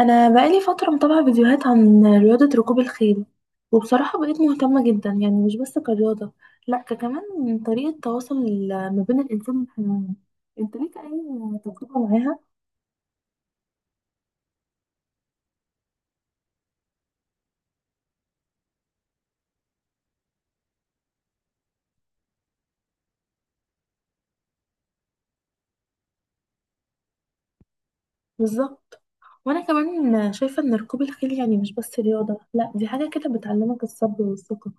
انا بقالي فتره متابعه فيديوهات عن رياضه ركوب الخيل، وبصراحه بقيت مهتمه جدا، يعني مش بس كرياضه، لا كمان من طريقه تواصل ما بين الانسان والحيوان. انت ليك اي تجربه معاها؟ بالظبط، وانا كمان شايفه ان ركوب الخيل يعني مش بس رياضه، لا دي حاجه كده بتعلمك الصبر والثقه،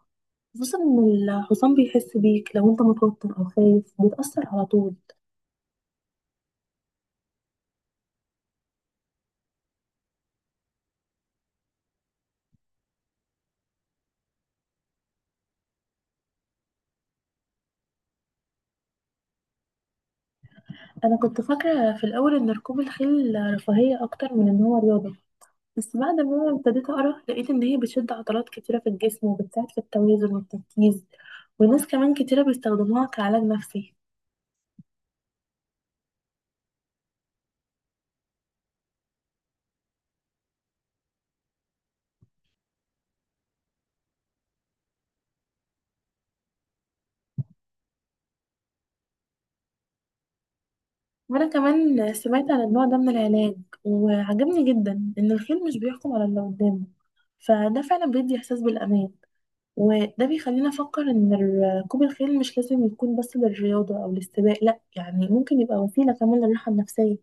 خصوصا ان الحصان بيحس بيك، لو انت متوتر او خايف بيتاثر على طول. انا كنت فاكره في الاول ان ركوب الخيل رفاهيه اكتر من ان هو رياضه، بس بعد ما ابتديت اقرا لقيت ان هي بتشد عضلات كتيره في الجسم، وبتساعد في التوازن والتركيز، وناس كمان كتيره بيستخدموها كعلاج نفسي. وانا كمان سمعت عن النوع ده من العلاج، وعجبني جدا ان الخيل مش بيحكم على اللي قدامه، فده فعلا بيدي احساس بالامان. وده بيخلينا افكر ان ركوب الخيل مش لازم يكون بس للرياضه او للسباق، لا يعني ممكن يبقى وسيله كمان للراحه النفسيه.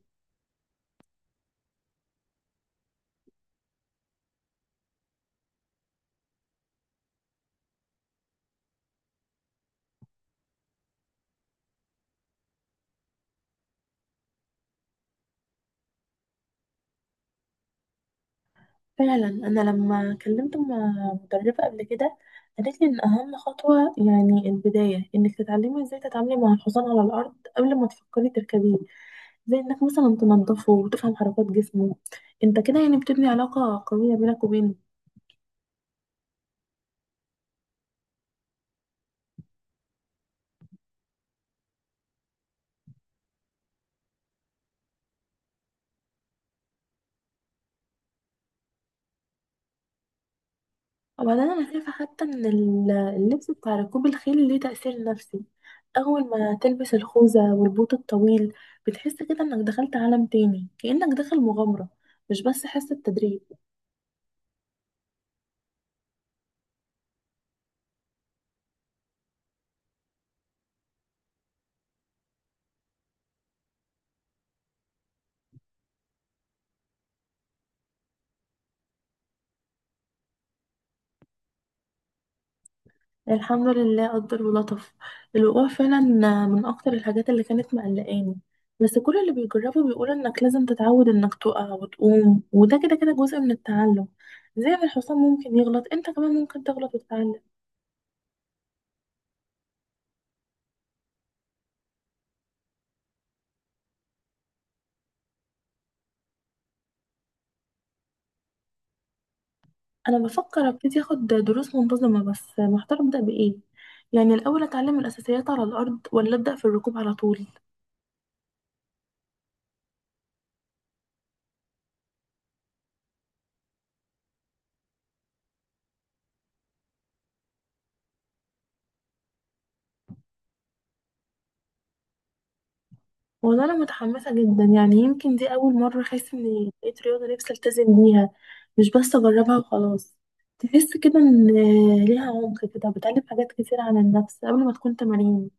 فعلا انا لما كلمت مدربه قبل كده، قالت لي ان اهم خطوه يعني البدايه انك تتعلمي ازاي تتعاملي مع الحصان على الارض قبل ما تفكري تركبيه، زي انك مثلا تنظفه وتفهم حركات جسمه. انت كده يعني بتبني علاقه قويه بينك وبينه. وبعدين انا شايفه حتى ان اللبس بتاع ركوب الخيل ليه تاثير نفسي. اول ما تلبس الخوذه والبوت الطويل، بتحس كده انك دخلت عالم تاني، كانك داخل مغامره، مش بس حس التدريب. الحمد لله قدر ولطف. الوقوع فعلا من اكتر الحاجات اللي كانت مقلقاني، بس كل اللي بيجربه بيقول انك لازم تتعود انك تقع وتقوم، وده كده كده جزء من التعلم. زي ما الحصان ممكن يغلط، انت كمان ممكن تغلط وتتعلم. انا بفكر ابتدي اخد دروس منتظمة، بس محتار ابدا بايه، يعني الاول اتعلم الاساسيات على الارض، ولا ابدا في الركوب على طول. والله انا متحمسه جدا، يعني يمكن دي اول مره احس اني لقيت رياضه نفسي التزم بيها، مش بس اجربها وخلاص. تحس كده ان ليها عمق كده، بتعلم حاجات كتير عن النفس قبل ما تكون تمارين.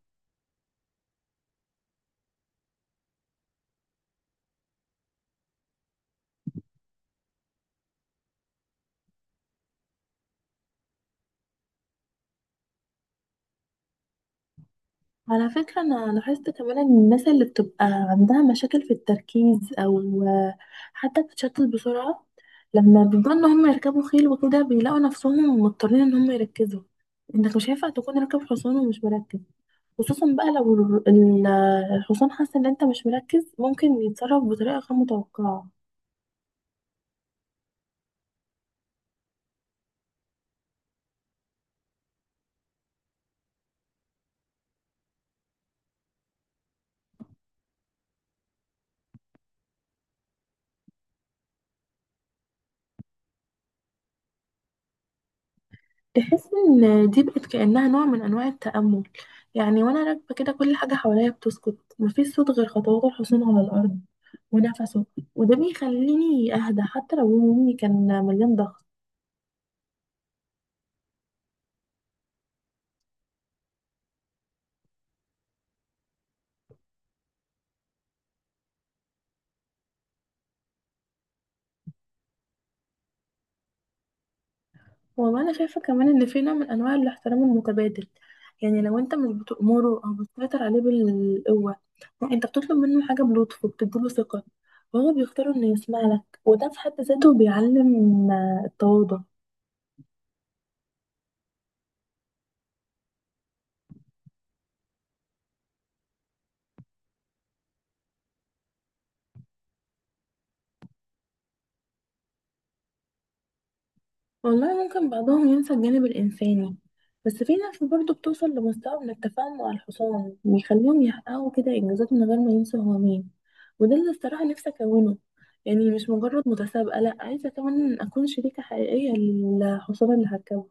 على فكره انا لاحظت كمان ان الناس اللي بتبقى عندها مشاكل في التركيز، او حتى بتتشتت بسرعه، لما بيبقوا ان هم يركبوا خيل وكده بيلاقوا نفسهم مضطرين ان هم يركزوا. انك مش هينفع تكون راكب حصان ومش مركز، خصوصا بقى لو الحصان حاسة ان انت مش مركز، ممكن يتصرف بطريقة غير متوقعة. تحس ان دي بقت كأنها نوع من انواع التأمل. يعني وانا راكبة كده، كل حاجة حواليا بتسكت، مفيش صوت غير خطوات الحصان على الأرض ونفسه، وده بيخليني اهدى حتى لو يومي كان مليان ضغط. والله انا شايفه كمان ان في نوع من انواع الاحترام المتبادل. يعني لو انت مش بتأمره او بتسيطر عليه بالقوه، لا، انت بتطلب منه حاجه بلطف، وبتديله ثقه، وهو بيختار انه يسمع لك، وده في حد ذاته بيعلم التواضع. والله ممكن بعضهم ينسى الجانب الإنساني، بس في ناس برضه بتوصل لمستوى من التفاهم مع الحصان، بيخليهم يحققوا كده إنجازات من غير ما ينسوا هو مين. وده اللي الصراحة نفسي أكونه، يعني مش مجرد متسابقة، لأ عايزة كمان أكون شريكة حقيقية للحصان اللي هركبه.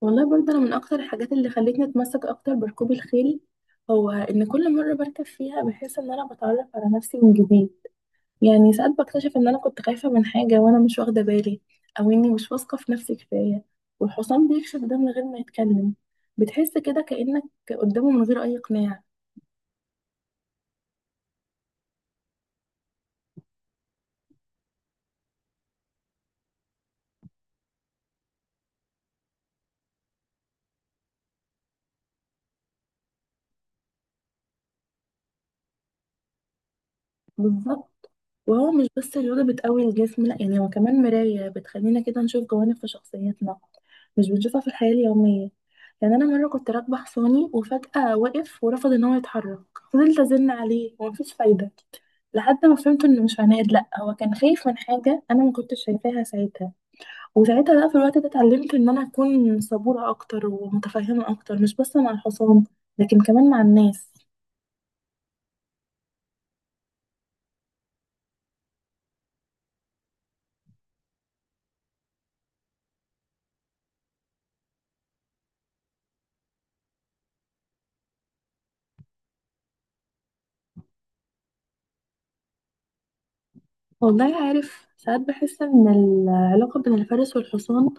والله برضه أنا من أكتر الحاجات اللي خلتني أتمسك أكتر بركوب الخيل، هو إن كل مرة بركب فيها بحس إن أنا بتعرف على نفسي من جديد. يعني ساعات بكتشف ان انا كنت خايفة من حاجة وانا مش واخدة بالي، او اني مش واثقة في نفسي كفاية، والحصان بيكشف ده من غير ما يتكلم. بتحس كده كأنك قدامه من غير اي اقناع. بالظبط، وهو مش بس رياضة بتقوي الجسم، لا يعني هو كمان مراية بتخلينا كده نشوف جوانب في شخصيتنا مش بنشوفها في الحياة اليومية. يعني أنا مرة كنت راكبة حصاني وفجأة وقف ورفض إن هو يتحرك، فضلت أزن عليه ومفيش فايدة، لحد ما فهمت إنه مش عناد، لأ هو كان خايف من حاجة أنا ما كنتش شايفاها ساعتها. وساعتها بقى في الوقت ده اتعلمت ان انا اكون صبورة اكتر ومتفهمة اكتر، مش بس مع الحصان، لكن كمان مع الناس. والله عارف ساعات بحس ان العلاقة بين الفارس والحصان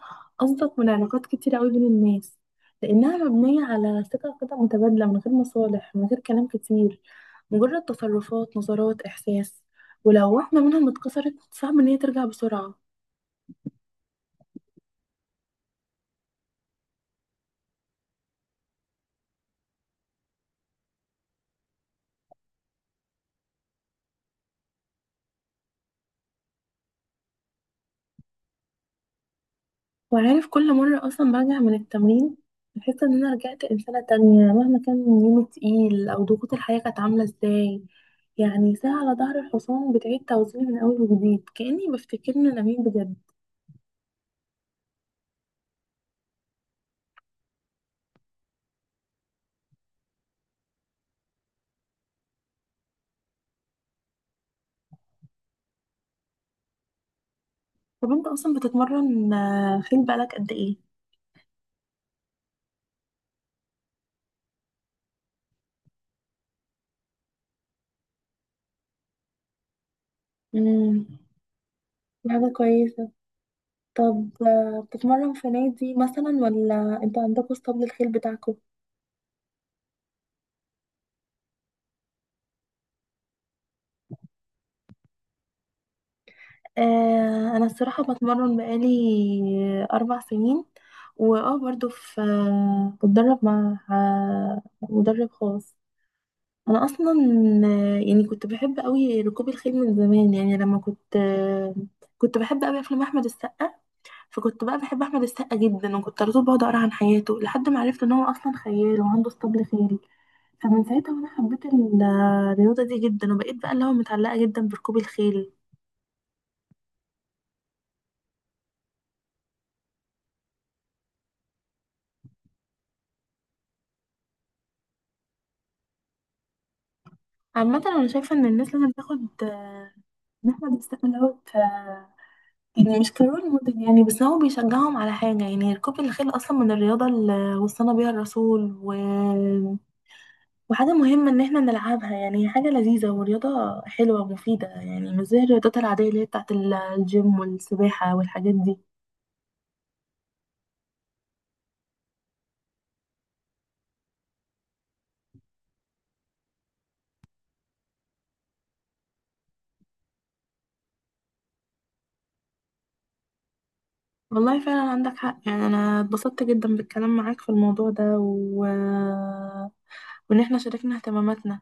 اصدق من علاقات كتير قوي بين الناس، لانها مبنية على ثقة كده متبادلة، من غير مصالح، من غير كلام كتير، مجرد تصرفات نظرات احساس. ولو واحدة منهم اتكسرت، صعب ان هي ترجع بسرعة. وعارف كل مرة أصلا برجع من التمرين، بحس إن أنا رجعت إنسانة تانية، مهما كان يومي تقيل أو ضغوط الحياة كانت عاملة إزاي. يعني ساعة على ظهر الحصان بتعيد توزيني من أول وجديد، كأني بفتكرني أنا مين بجد. طب أنت أصلا بتتمرن خيل بقالك قد إيه؟ مم، دي حاجة كويسة. طب بتتمرن في نادي مثلا، ولا أنتوا عندكوا اسطبل الخيل بتاعكوا؟ انا الصراحه بتمرن بقالي 4 سنين، واه برضو في بتدرب مع مدرب خاص. انا اصلا يعني كنت بحب قوي ركوب الخيل من زمان، يعني لما كنت كنت بحب قوي افلام احمد السقا، فكنت بقى بحب احمد السقا جدا، وكنت على طول بقعد اقرا عن حياته لحد ما عرفت ان هو اصلا خيال وعنده اسطبل خيل. فمن ساعتها وانا حبيت الرياضه دي جدا، وبقيت بقى اللي هو متعلقه جدا بركوب الخيل. عامة أنا شايفة إن الناس لازم تاخد إن إحنا بنستقبل دوت آه، يعني مش كرول موديل، يعني بس هو بيشجعهم على حاجة. يعني ركوب الخيل أصلا من الرياضة اللي وصانا بيها الرسول، وحاجة مهمة إن إحنا نلعبها، يعني هي حاجة لذيذة ورياضة حلوة ومفيدة، يعني مش زي الرياضات العادية اللي هي بتاعت الجيم والسباحة والحاجات دي. والله فعلا عندك حق، يعني أنا اتبسطت جدا بالكلام معاك في الموضوع ده وإن إحنا شاركنا اهتماماتنا.